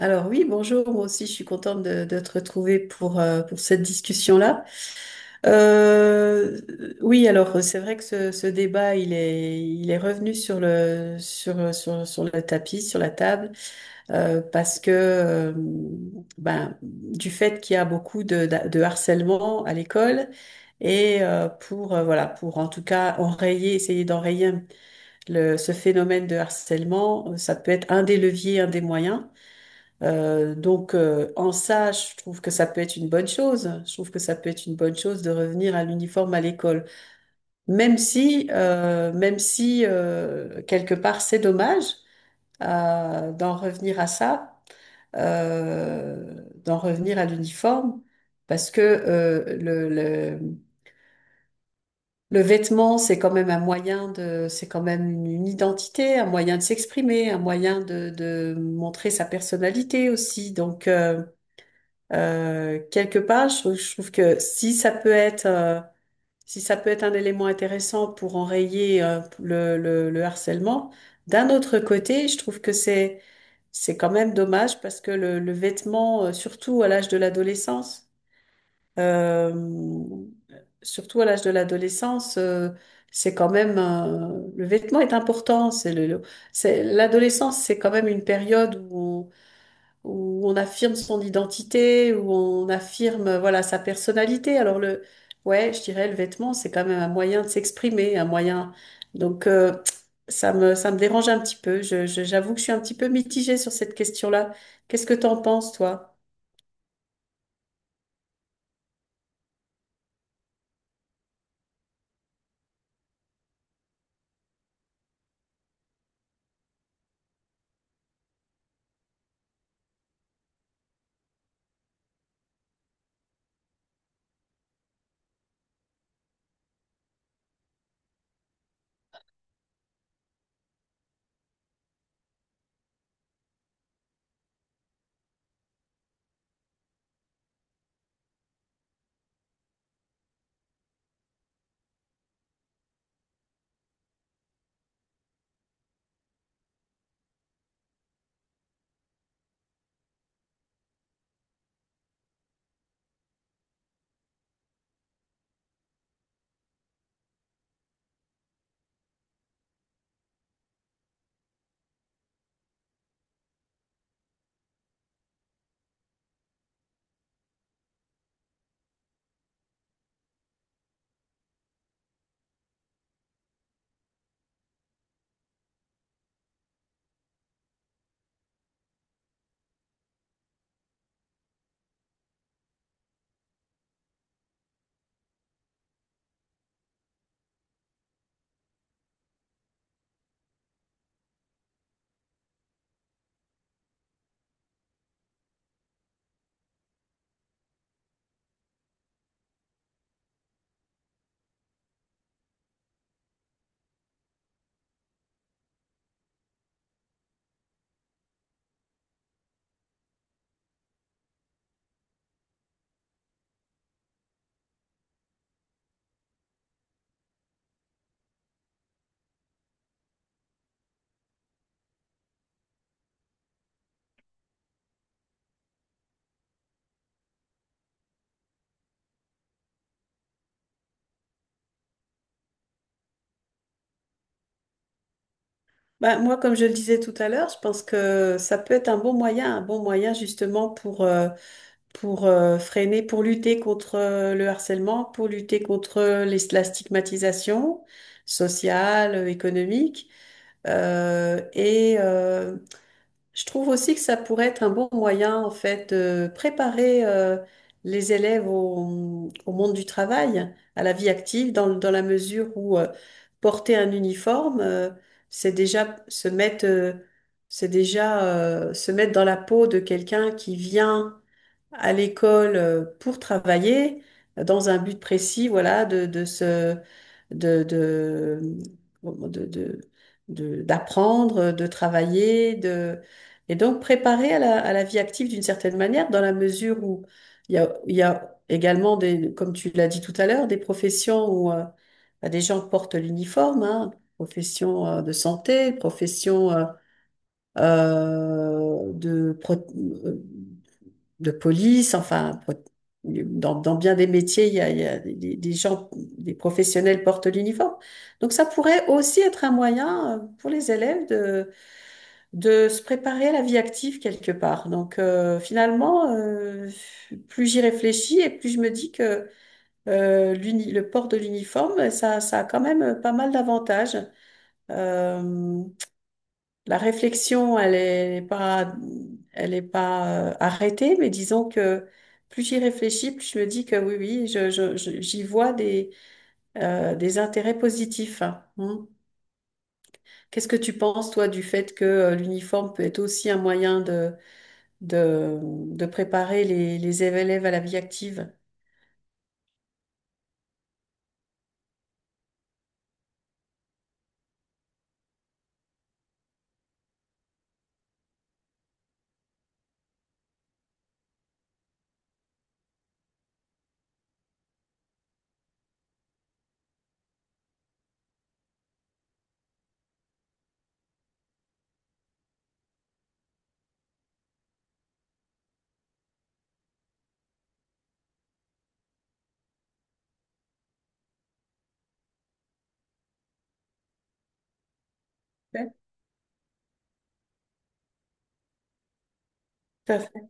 Alors oui, bonjour, moi aussi je suis contente de te retrouver pour cette discussion-là. Euh, oui, alors c'est vrai que ce débat, il est revenu sur le tapis, sur la table, parce que ben, du fait qu'il y a beaucoup de harcèlement à l'école, et voilà, pour en tout cas enrayer, essayer d'enrayer ce phénomène de harcèlement, ça peut être un des leviers, un des moyens. Donc, en ça, je trouve que ça peut être une bonne chose. Je trouve que ça peut être une bonne chose de revenir à l'uniforme à l'école, même si, quelque part c'est dommage euh, d'en revenir à ça, d'en revenir à l'uniforme, parce que le vêtement, c'est quand même un moyen de, c'est quand même une identité, un moyen de s'exprimer, un moyen de montrer sa personnalité aussi. Donc, quelque part, je trouve que si ça peut être, si ça peut être un élément intéressant pour enrayer, le harcèlement, d'un autre côté, je trouve que c'est quand même dommage parce que le vêtement, euh, surtout à l'âge de l'adolescence, c'est quand même, le vêtement est important. C'est le- c'est, L'adolescence, c'est quand même une période où on affirme son identité, où on affirme, voilà, sa personnalité. Alors ouais, je dirais le vêtement, c'est quand même un moyen de s'exprimer, un moyen. Donc, ça me dérange un petit peu. J'avoue que je suis un petit peu mitigée sur cette question-là. Qu'est-ce que t'en penses, toi? Bah, moi, comme je le disais tout à l'heure, je pense que ça peut être un bon moyen justement pour freiner, pour lutter contre le harcèlement, pour lutter contre la stigmatisation sociale, économique. Et je trouve aussi que ça pourrait être un bon moyen, en fait, de préparer les élèves au monde du travail, à la vie active, dans la mesure où porter un uniforme, c'est déjà se mettre. C'est déjà se mettre dans la peau de quelqu'un qui vient à l'école pour travailler dans un but précis, voilà, de se, de, de, de, de- de- d'apprendre, de travailler, et donc préparer à la vie active d'une certaine manière, dans la mesure où il y a également des, comme tu l'as dit tout à l'heure, des professions où bah, des gens portent l'uniforme, hein, profession de santé, profession euh, de, pro- euh, de police, enfin, dans bien des métiers, il y a des gens, des professionnels portent l'uniforme. Donc, ça pourrait aussi être un moyen pour les élèves de, se préparer à la vie active quelque part. Donc, finalement, plus j'y réfléchis et plus je me dis que le port de l'uniforme, ça a quand même pas mal d'avantages. Euh, la réflexion, elle est pas arrêtée, mais disons que plus j'y réfléchis, plus je me dis que oui, oui, j'y vois des intérêts positifs. Hein. Hmm. Qu'est-ce que tu penses, toi, du fait que l'uniforme peut être aussi un moyen de préparer les élèves à la vie active? Ouais.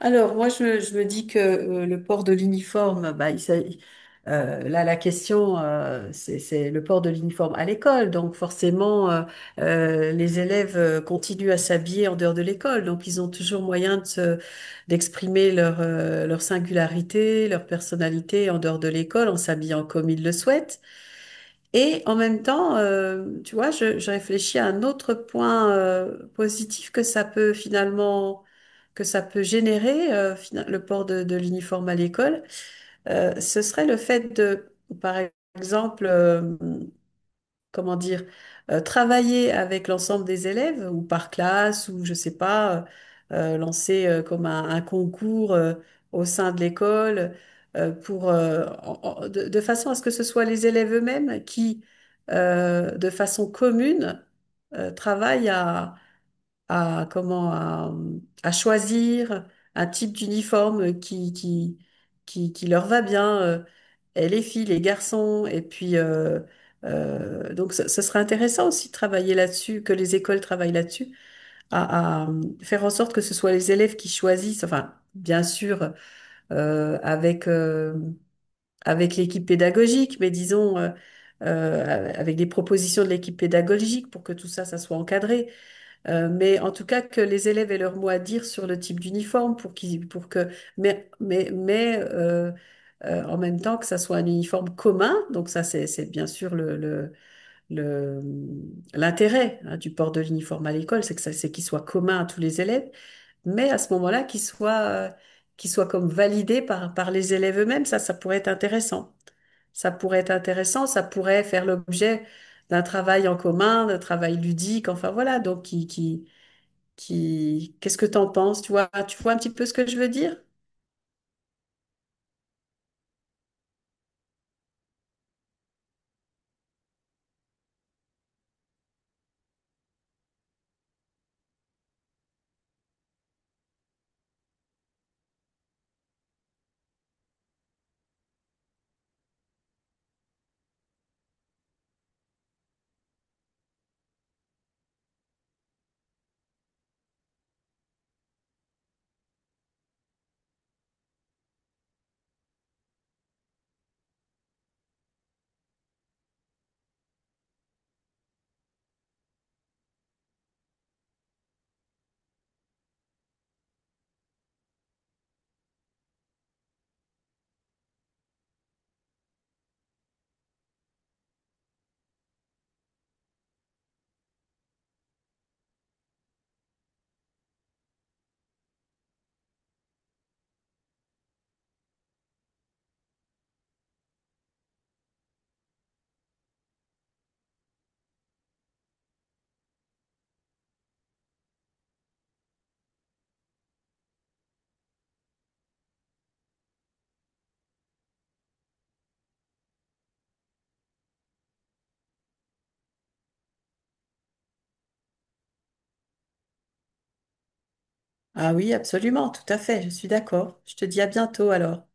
Alors, moi, je me dis que le port de l'uniforme, bah, là, la question, c'est le port de l'uniforme à l'école. Donc, forcément, les élèves continuent à s'habiller en dehors de l'école. Donc, ils ont toujours moyen d'exprimer leur singularité, leur personnalité en dehors de l'école en s'habillant comme ils le souhaitent. Et en même temps, tu vois, je réfléchis à un autre point positif que que ça peut générer le port de l'uniforme à l'école. Ce serait le fait de, par exemple, comment dire, travailler avec l'ensemble des élèves ou par classe ou je sais pas, lancer comme un concours au sein de l'école pour de façon à ce que ce soit les élèves eux-mêmes qui, de façon commune, travaillent à comment à, à choisir un type d'uniforme qui leur va bien, et les filles, les garçons, et puis donc ce serait intéressant aussi de travailler là-dessus, que les écoles travaillent là-dessus, faire en sorte que ce soit les élèves qui choisissent, enfin bien sûr euh, avec euh, avec l'équipe pédagogique, mais disons avec des propositions de l'équipe pédagogique pour que tout ça, ça soit encadré. Mais en tout cas que les élèves aient leur mot à dire sur le type d'uniforme pour qu'ils, pour que, mais, mais, mais euh, en même temps que ça soit un uniforme commun, donc ça c'est bien sûr le- l'intérêt hein, du port de l'uniforme à l'école, c'est qu'il soit commun à tous les élèves, mais à ce moment-là qu'il soit comme validé par les élèves eux-mêmes, ça pourrait être intéressant. Ça pourrait être intéressant, ça pourrait faire l'objet d'un travail en commun, d'un travail ludique, enfin voilà, Qu'est-ce que t'en penses? Tu vois un petit peu ce que je veux dire? Ah oui, absolument, tout à fait, je suis d'accord. Je te dis à bientôt alors.